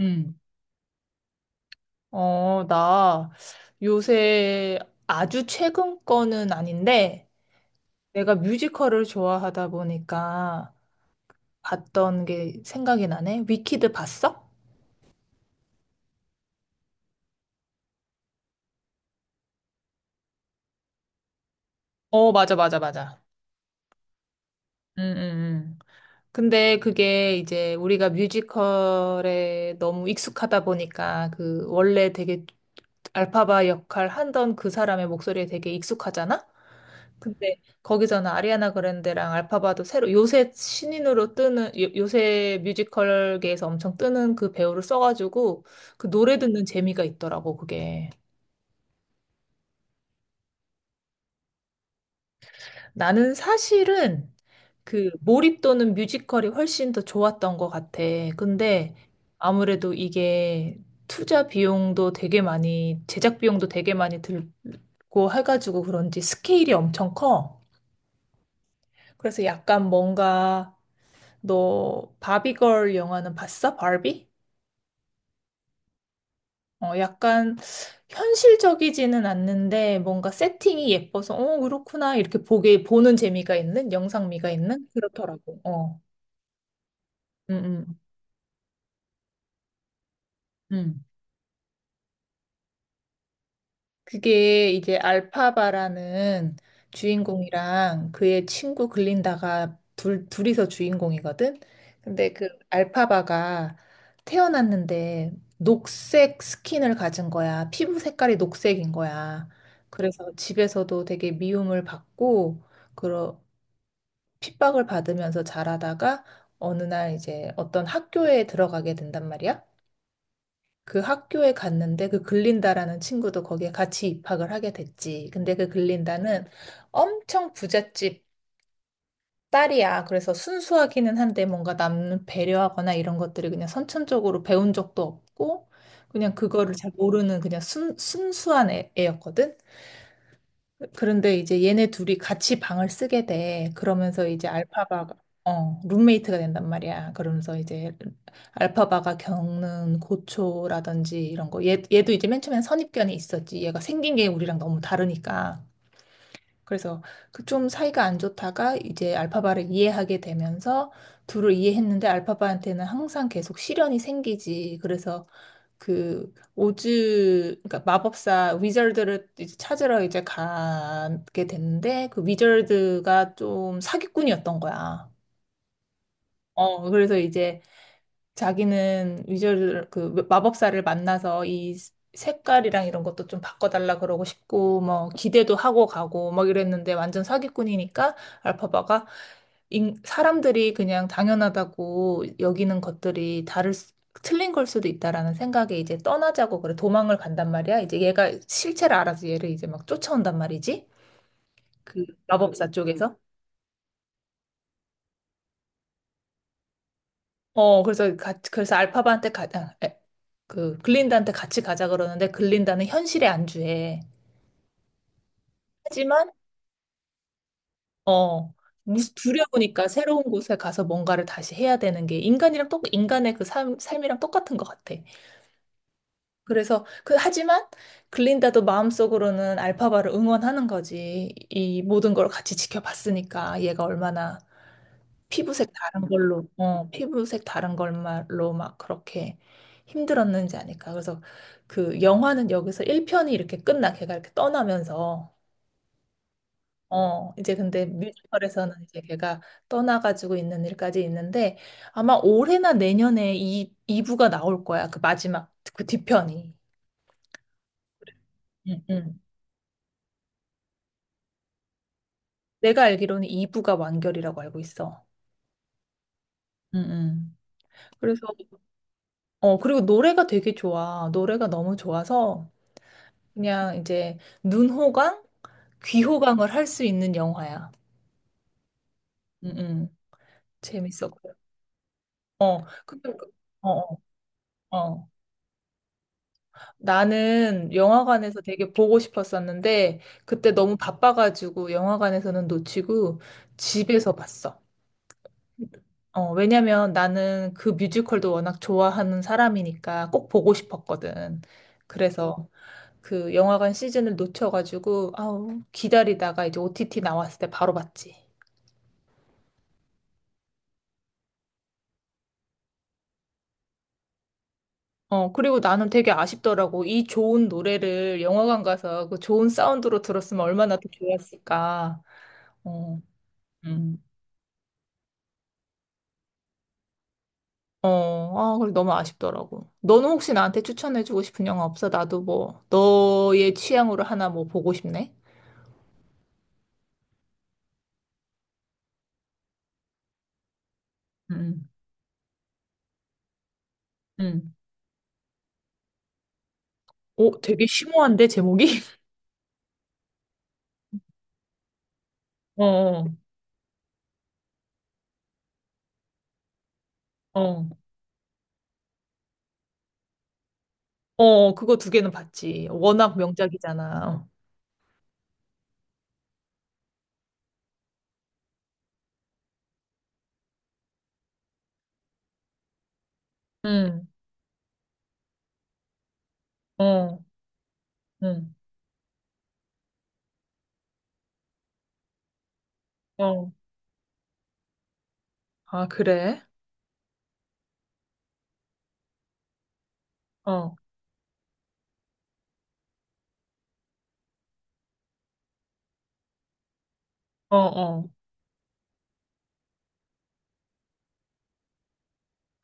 음. 나 요새 아주 최근 거는 아닌데 내가 뮤지컬을 좋아하다 보니까 봤던 게 생각이 나네. 위키드 봤어? 어, 맞아, 맞아, 맞아. 응 응 응. 근데 그게 이제 우리가 뮤지컬에 너무 익숙하다 보니까 그 원래 되게 알파바 역할 하던 그 사람의 목소리에 되게 익숙하잖아? 근데 거기서는 아리아나 그란데랑 알파바도 새로 요새 신인으로 뜨는 요새 뮤지컬계에서 엄청 뜨는 그 배우를 써가지고 그 노래 듣는 재미가 있더라고 그게. 나는 사실은 그 몰입도는 뮤지컬이 훨씬 더 좋았던 것 같아. 근데 아무래도 이게 투자 비용도 되게 많이 제작 비용도 되게 많이 들고 해가지고 그런지 스케일이 엄청 커. 그래서 약간 뭔가 너 바비걸 영화는 봤어? 바비? 어, 약간 현실적이지는 않는데 뭔가 세팅이 예뻐서 어, 그렇구나 이렇게 보게 보는 재미가 있는 영상미가 있는 그렇더라고. 음, 음, 음. 그게 이제 알파바라는 주인공이랑 그의 친구 글린다가 둘이서 주인공이거든. 근데 그 알파바가 태어났는데 녹색 스킨을 가진 거야. 피부 색깔이 녹색인 거야. 그래서 집에서도 되게 미움을 받고 그런 핍박을 받으면서 자라다가 어느 날 이제 어떤 학교에 들어가게 된단 말이야. 그 학교에 갔는데 그 글린다라는 친구도 거기에 같이 입학을 하게 됐지. 근데 그 글린다는 엄청 부잣집 딸이야. 그래서 순수하기는 한데 뭔가 남 배려하거나 이런 것들이 그냥 선천적으로 배운 적도 없고 그냥 그거를 잘 모르는 그냥 순수한 애였거든. 그런데 이제 얘네 둘이 같이 방을 쓰게 돼. 그러면서 이제 알파바가, 룸메이트가 된단 말이야. 그러면서 이제 알파바가 겪는 고초라든지 이런 거. 얘도 이제 맨 처음엔 선입견이 있었지. 얘가 생긴 게 우리랑 너무 다르니까. 그래서 그 좀 사이가 안 좋다가 이제 알파바를 이해하게 되면서 둘을 이해했는데 알파바한테는 항상 계속 시련이 생기지. 그래서 그 오즈 그러니까 마법사 위저드를 이제 찾으러 이제 가게 됐는데 그 위저드가 좀 사기꾼이었던 거야. 어 그래서 이제 자기는 위저를 그 마법사를 만나서 이 색깔이랑 이런 것도 좀 바꿔달라 그러고 싶고 뭐 기대도 하고 가고 막 이랬는데 완전 사기꾼이니까 알파바가 사람들이 그냥 당연하다고 여기는 것들이 틀린 걸 수도 있다라는 생각에 이제 떠나자고 그래 도망을 간단 말이야. 이제 얘가 실체를 알아서 얘를 이제 막 쫓아온단 말이지. 그 마법사 쪽에서. 어, 그래서 같이, 그래서 알파바한테 그, 글린다한테 같이 가자 그러는데, 글린다는 현실에 안주해. 하지만, 어, 무슨 두려우니까 새로운 곳에 가서 뭔가를 다시 해야 되는 게 인간이랑 똑, 인간의 그 삶이랑 똑같은 것 같아. 그래서, 그, 하지만, 글린다도 마음속으로는 알파바를 응원하는 거지. 이 모든 걸 같이 지켜봤으니까, 얘가 얼마나 피부색 다른 걸로, 어, 피부색 다른 걸로 막 그렇게 힘들었는지 아닐까. 그래서 그 영화는 여기서 1편이 이렇게 끝나. 걔가 이렇게 떠나면서. 어, 이제 근데 뮤지컬에서는 이제 걔가 떠나가지고 있는 일까지 있는데 아마 올해나 내년에 이 2부가 나올 거야. 그 마지막, 그 뒤편이. 응, 응, 내가 알기로는 2부가 완결이라고 알고 있어. 응, 응. 그래서, 어, 그리고 노래가 되게 좋아. 노래가 너무 좋아서 그냥 이제 눈호강, 귀호강을 할 수 있는 영화야. 음, 음. 재밌었고요. 어, 근데 그- 어, 어. 어. 나는 영화관에서 되게 보고 싶었었는데 그때 너무 바빠가지고 영화관에서는 놓치고 집에서 봤어. 어, 왜냐면 나는 그 뮤지컬도 워낙 좋아하는 사람이니까 꼭 보고 싶었거든. 그래서 그 영화관 시즌을 놓쳐가지고 아우 기다리다가 이제 OTT 나왔을 때 바로 봤지. 어, 그리고 나는 되게 아쉽더라고. 이 좋은 노래를 영화관 가서 그 좋은 사운드로 들었으면 얼마나 더 좋았을까. 어, 음. 어, 아, 그래, 너무 아쉽더라고. 너는 혹시 나한테 추천해주고 싶은 영화 없어? 나도 뭐, 너의 취향으로 하나 뭐 보고 싶네? 음, 음. 오, 되게 심오한데, 제목이? 어, 어, 어, 그거 두 개는 봤지. 워낙 명작이잖아. 응, 어, 응, 어. 아, 그래? 어, 어, 어.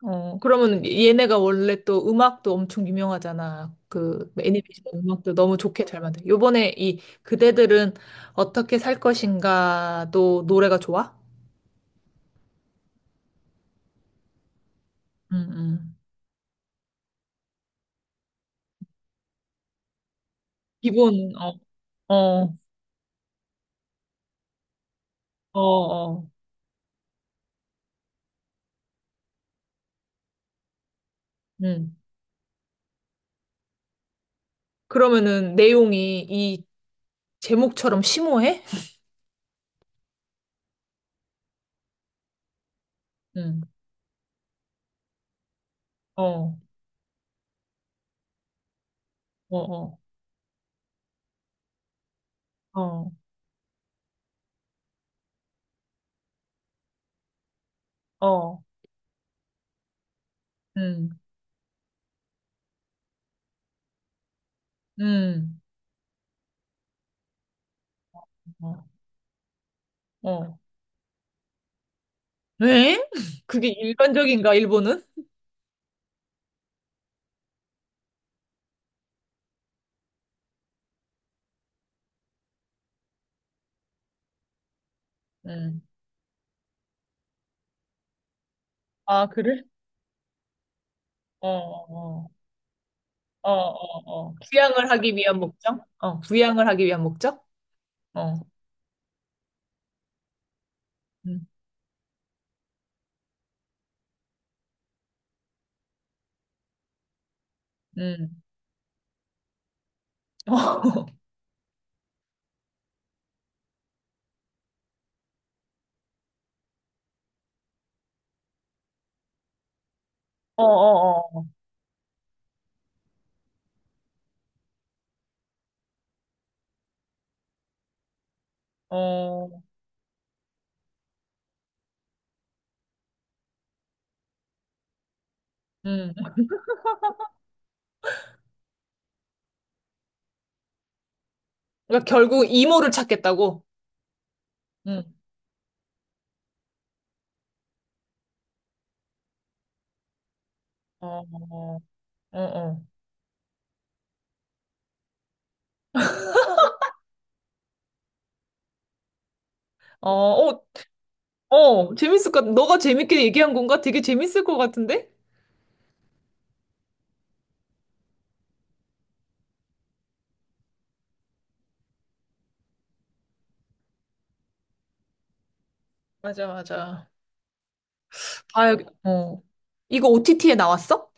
어, 그러면 얘네가 원래 또 음악도 엄청 유명하잖아. 그 애니메이션 음악도 너무 좋게 잘 만든. 요번에 이 그대들은 어떻게 살 것인가도 노래가 좋아? 응, 응. 기본, 어, 어, 어, 어. 응. 그러면은 내용이 이 제목처럼 심오해? 응. 어, 어, 어, 어, 어. 응, 응. 어, 어. 왜? 그게 일반적인가, 일본은? 응. 아, 그래? 어, 어. 어, 어, 어. 부양을 하기 위한 목적? 어, 부양을 하기 위한 목적? 어, 음, 음. 어, 어, 어, 어, 음. 그러니까 결국 이모를 찾겠다고? 음. 어, 어, 어, 어, 어, 어, 어, 재밌을 것 같, 너가 재밌게 얘기한 건가? 되게 재밌을 것 같은데? 맞아, 맞아. 봐야, 어. 이거 OTT에 나왔어?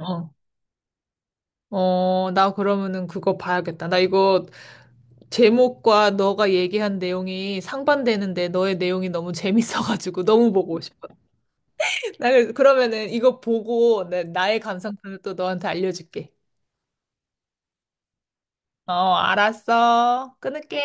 어. 어, 나 그러면은 그거 봐야겠다. 나 이거 제목과 너가 얘기한 내용이 상반되는데 너의 내용이 너무 재밌어가지고 너무 보고 싶어. 나 그래서 그러면은 이거 보고 나의 감상평을 또 너한테 알려줄게. 어, 알았어. 끊을게.